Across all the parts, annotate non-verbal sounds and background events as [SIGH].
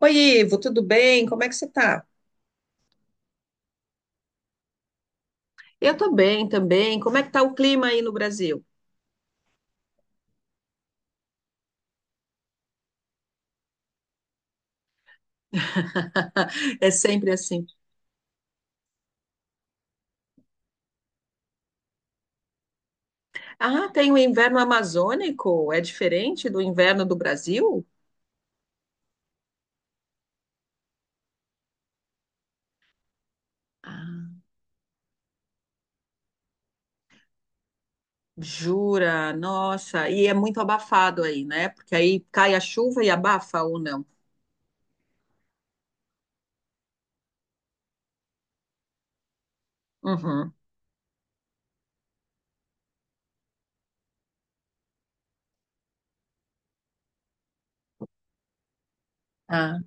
Oi, Ivo, tudo bem? Como é que você tá? Eu tô bem também. Como é que tá o clima aí no Brasil? [LAUGHS] É sempre assim. Ah, tem o inverno amazônico. É diferente do inverno do Brasil? Ah, jura? Nossa. E é muito abafado aí, né? Porque aí cai a chuva e abafa ou não? Uhum. Ah,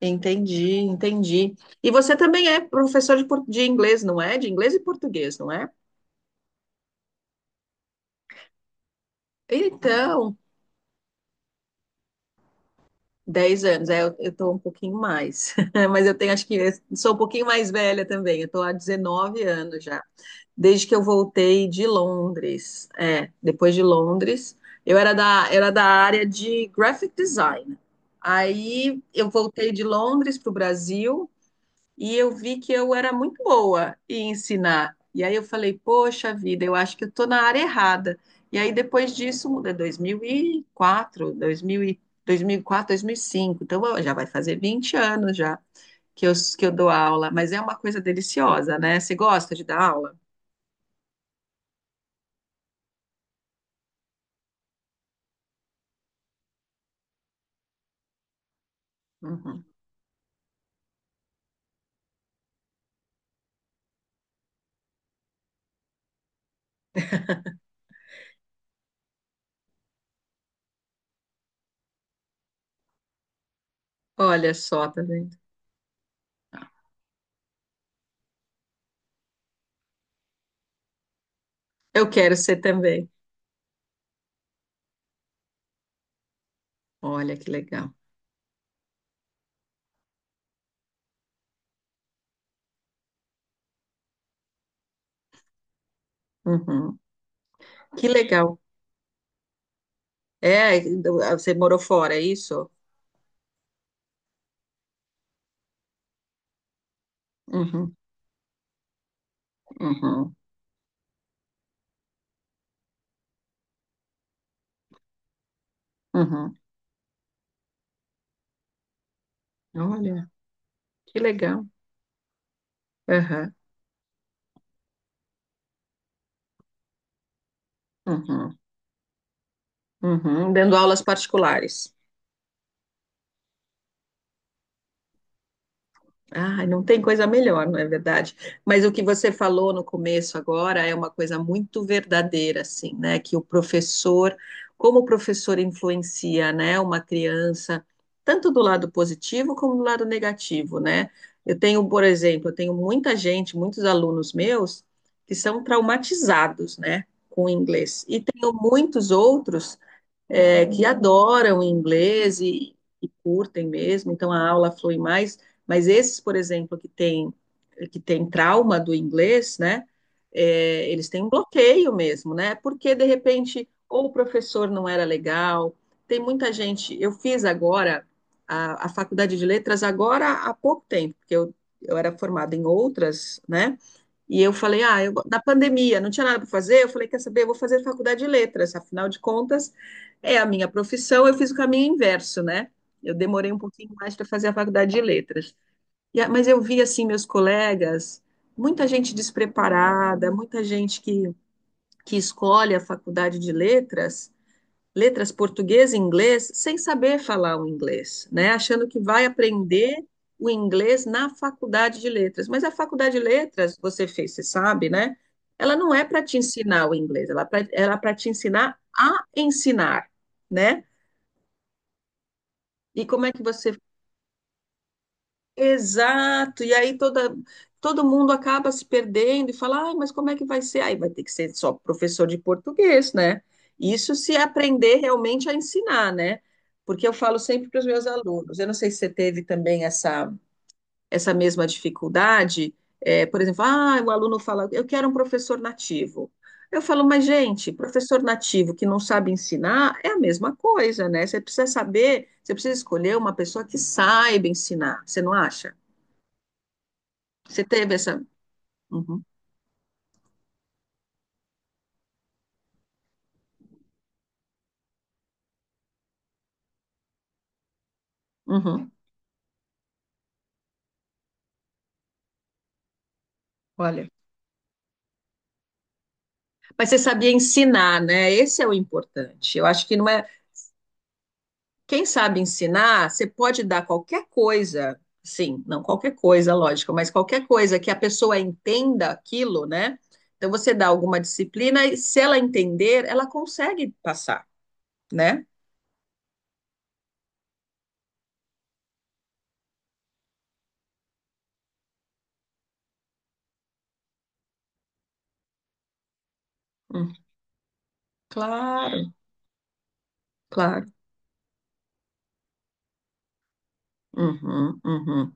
entendi, entendi. E você também é professor de inglês, não é? De inglês e português, não é? Então, 10 anos, é, eu tô um pouquinho mais, [LAUGHS] mas eu tenho, acho que eu sou um pouquinho mais velha também, eu tô há 19 anos já, desde que eu voltei de Londres, é, depois de Londres, eu era da área de graphic design, aí eu voltei de Londres para o Brasil, e eu vi que eu era muito boa em ensinar. E aí eu falei, poxa vida, eu acho que eu estou na área errada. E aí depois disso, é 2000 e- quatro quatro dois dois dois mil e quatro, dois mil 2004, cinco então ó, já vai fazer 20 anos já que eu dou aula, mas é uma coisa deliciosa, né? Você gosta de dar aula? Uhum. Olha só, tá vendo? Eu quero ser também. Olha que legal. Uhum. Que legal. É, você morou fora, é isso? Uhum, uhum, uhum. Olha. Que legal. Aham, uhum, uhum. Dando aulas particulares. Ah, não tem coisa melhor, não é verdade? Mas o que você falou no começo agora é uma coisa muito verdadeira, assim, né? Como o professor influencia, né, uma criança, tanto do lado positivo como do lado negativo, né? Eu tenho, por exemplo, eu tenho muita gente, muitos alunos meus, que são traumatizados, né, com o inglês. E tenho muitos outros é, que adoram o inglês e curtem mesmo, então a aula flui mais, mas esses, por exemplo, que tem trauma do inglês, né, é, eles têm um bloqueio mesmo, né, porque de repente ou o professor não era legal, tem muita gente, eu fiz agora a faculdade de letras agora há pouco tempo, porque eu era formada em outras, né, e eu falei, ah, eu, na pandemia não tinha nada para fazer. Eu falei, quer saber, eu vou fazer faculdade de letras, afinal de contas, é a minha profissão. Eu fiz o caminho inverso, né? Eu demorei um pouquinho mais para fazer a faculdade de letras. Mas eu vi, assim, meus colegas, muita gente despreparada, muita gente que escolhe a faculdade de letras português e inglês sem saber falar o inglês, né? Achando que vai aprender o inglês na faculdade de letras. Mas a faculdade de letras, você fez, você sabe, né? Ela não é para te ensinar o inglês, ela é para te ensinar a ensinar, né? E como é que você Exato, e aí toda, todo mundo acaba se perdendo e fala, ai, mas como é que vai ser? Aí vai ter que ser só professor de português, né? Isso se aprender realmente a ensinar, né? Porque eu falo sempre para os meus alunos, eu não sei se você teve também essa mesma dificuldade, é, por exemplo, ah, o aluno fala, eu quero um professor nativo. Eu falo, mas gente, professor nativo que não sabe ensinar é a mesma coisa, né? Você precisa saber, você precisa escolher uma pessoa que saiba ensinar, você não acha? Você teve essa. Uhum, uhum. Olha, mas você sabia ensinar, né? Esse é o importante. Eu acho que não é. Quem sabe ensinar, você pode dar qualquer coisa, sim, não qualquer coisa, lógico, mas qualquer coisa que a pessoa entenda aquilo, né? Então você dá alguma disciplina e se ela entender, ela consegue passar, né? Hum, claro, claro. Uhum, uhum,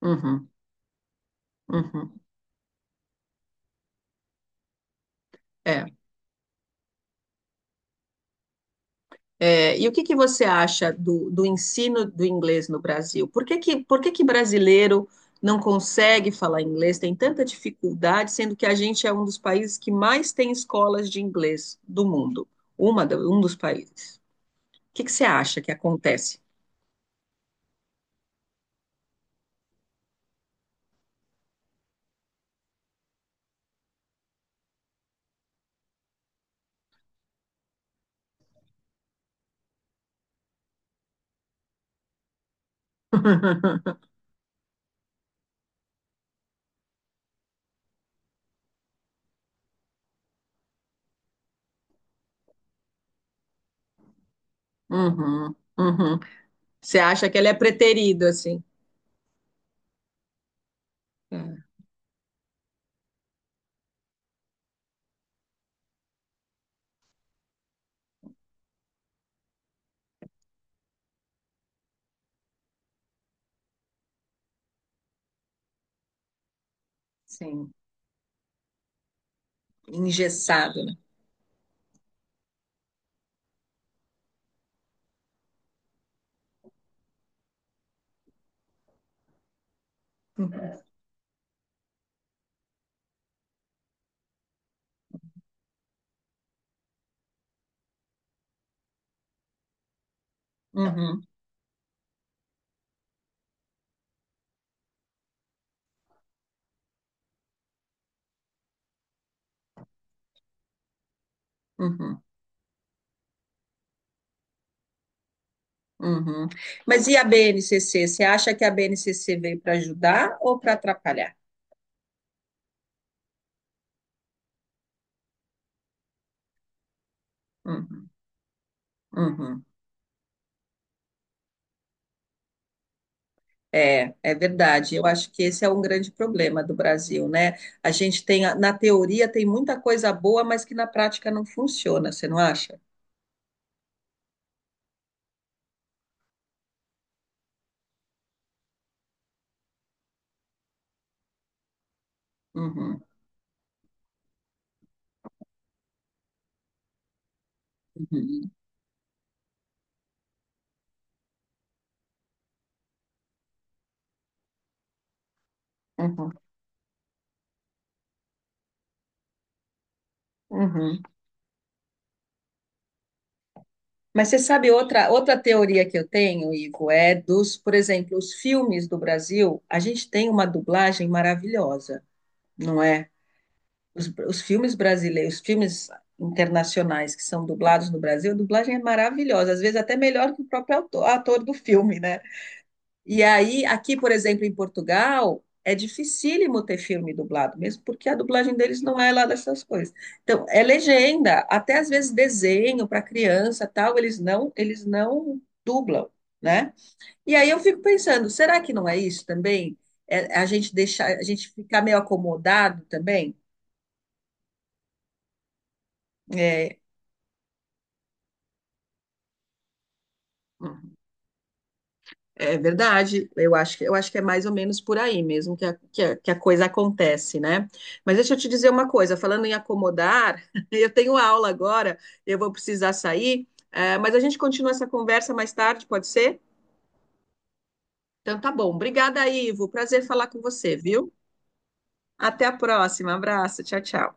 uhum, uhum. É. É, e o que que você acha do ensino do inglês no Brasil? Por que que brasileiro não consegue falar inglês, tem tanta dificuldade, sendo que a gente é um dos países que mais tem escolas de inglês do mundo? Um dos países. O que que você acha que acontece? [LAUGHS] Uhum, uhum. Você acha que ele é preterido, assim? É, sim, engessado, né? Uhum, uhum. Uhum. Mas e a BNCC? Você acha que a BNCC veio para ajudar ou para atrapalhar? Uhum, uhum. É, é verdade. Eu acho que esse é um grande problema do Brasil, né? A gente tem, a- na teoria, tem muita coisa boa, mas que na prática não funciona, você não acha? Uhum, uhum, uhum, uhum. Mas você sabe outra teoria que eu tenho, Ivo, é dos, por exemplo, os filmes do Brasil, a gente tem uma dublagem maravilhosa, não é? Os filmes brasileiros, os filmes internacionais que são dublados no Brasil, a dublagem é maravilhosa, às vezes até melhor que o próprio autor- ator do filme, né? E aí, aqui, por exemplo, em Portugal, é dificílimo ter filme dublado, mesmo porque a dublagem deles não é lá dessas coisas. Então, é legenda, até às vezes desenho para criança, tal, eles não dublam, né? E aí eu fico pensando, será que não é isso também? É a gente deixar, a gente ficar meio acomodado também? É, é verdade, eu acho que é mais ou menos por aí mesmo que a coisa acontece, né? Mas deixa eu te dizer uma coisa, falando em acomodar, [LAUGHS] eu tenho aula agora, eu vou precisar sair, eh, mas a gente continua essa conversa mais tarde, pode ser? Então tá bom, obrigada, Ivo, prazer falar com você, viu? Até a próxima, abraço, tchau, tchau.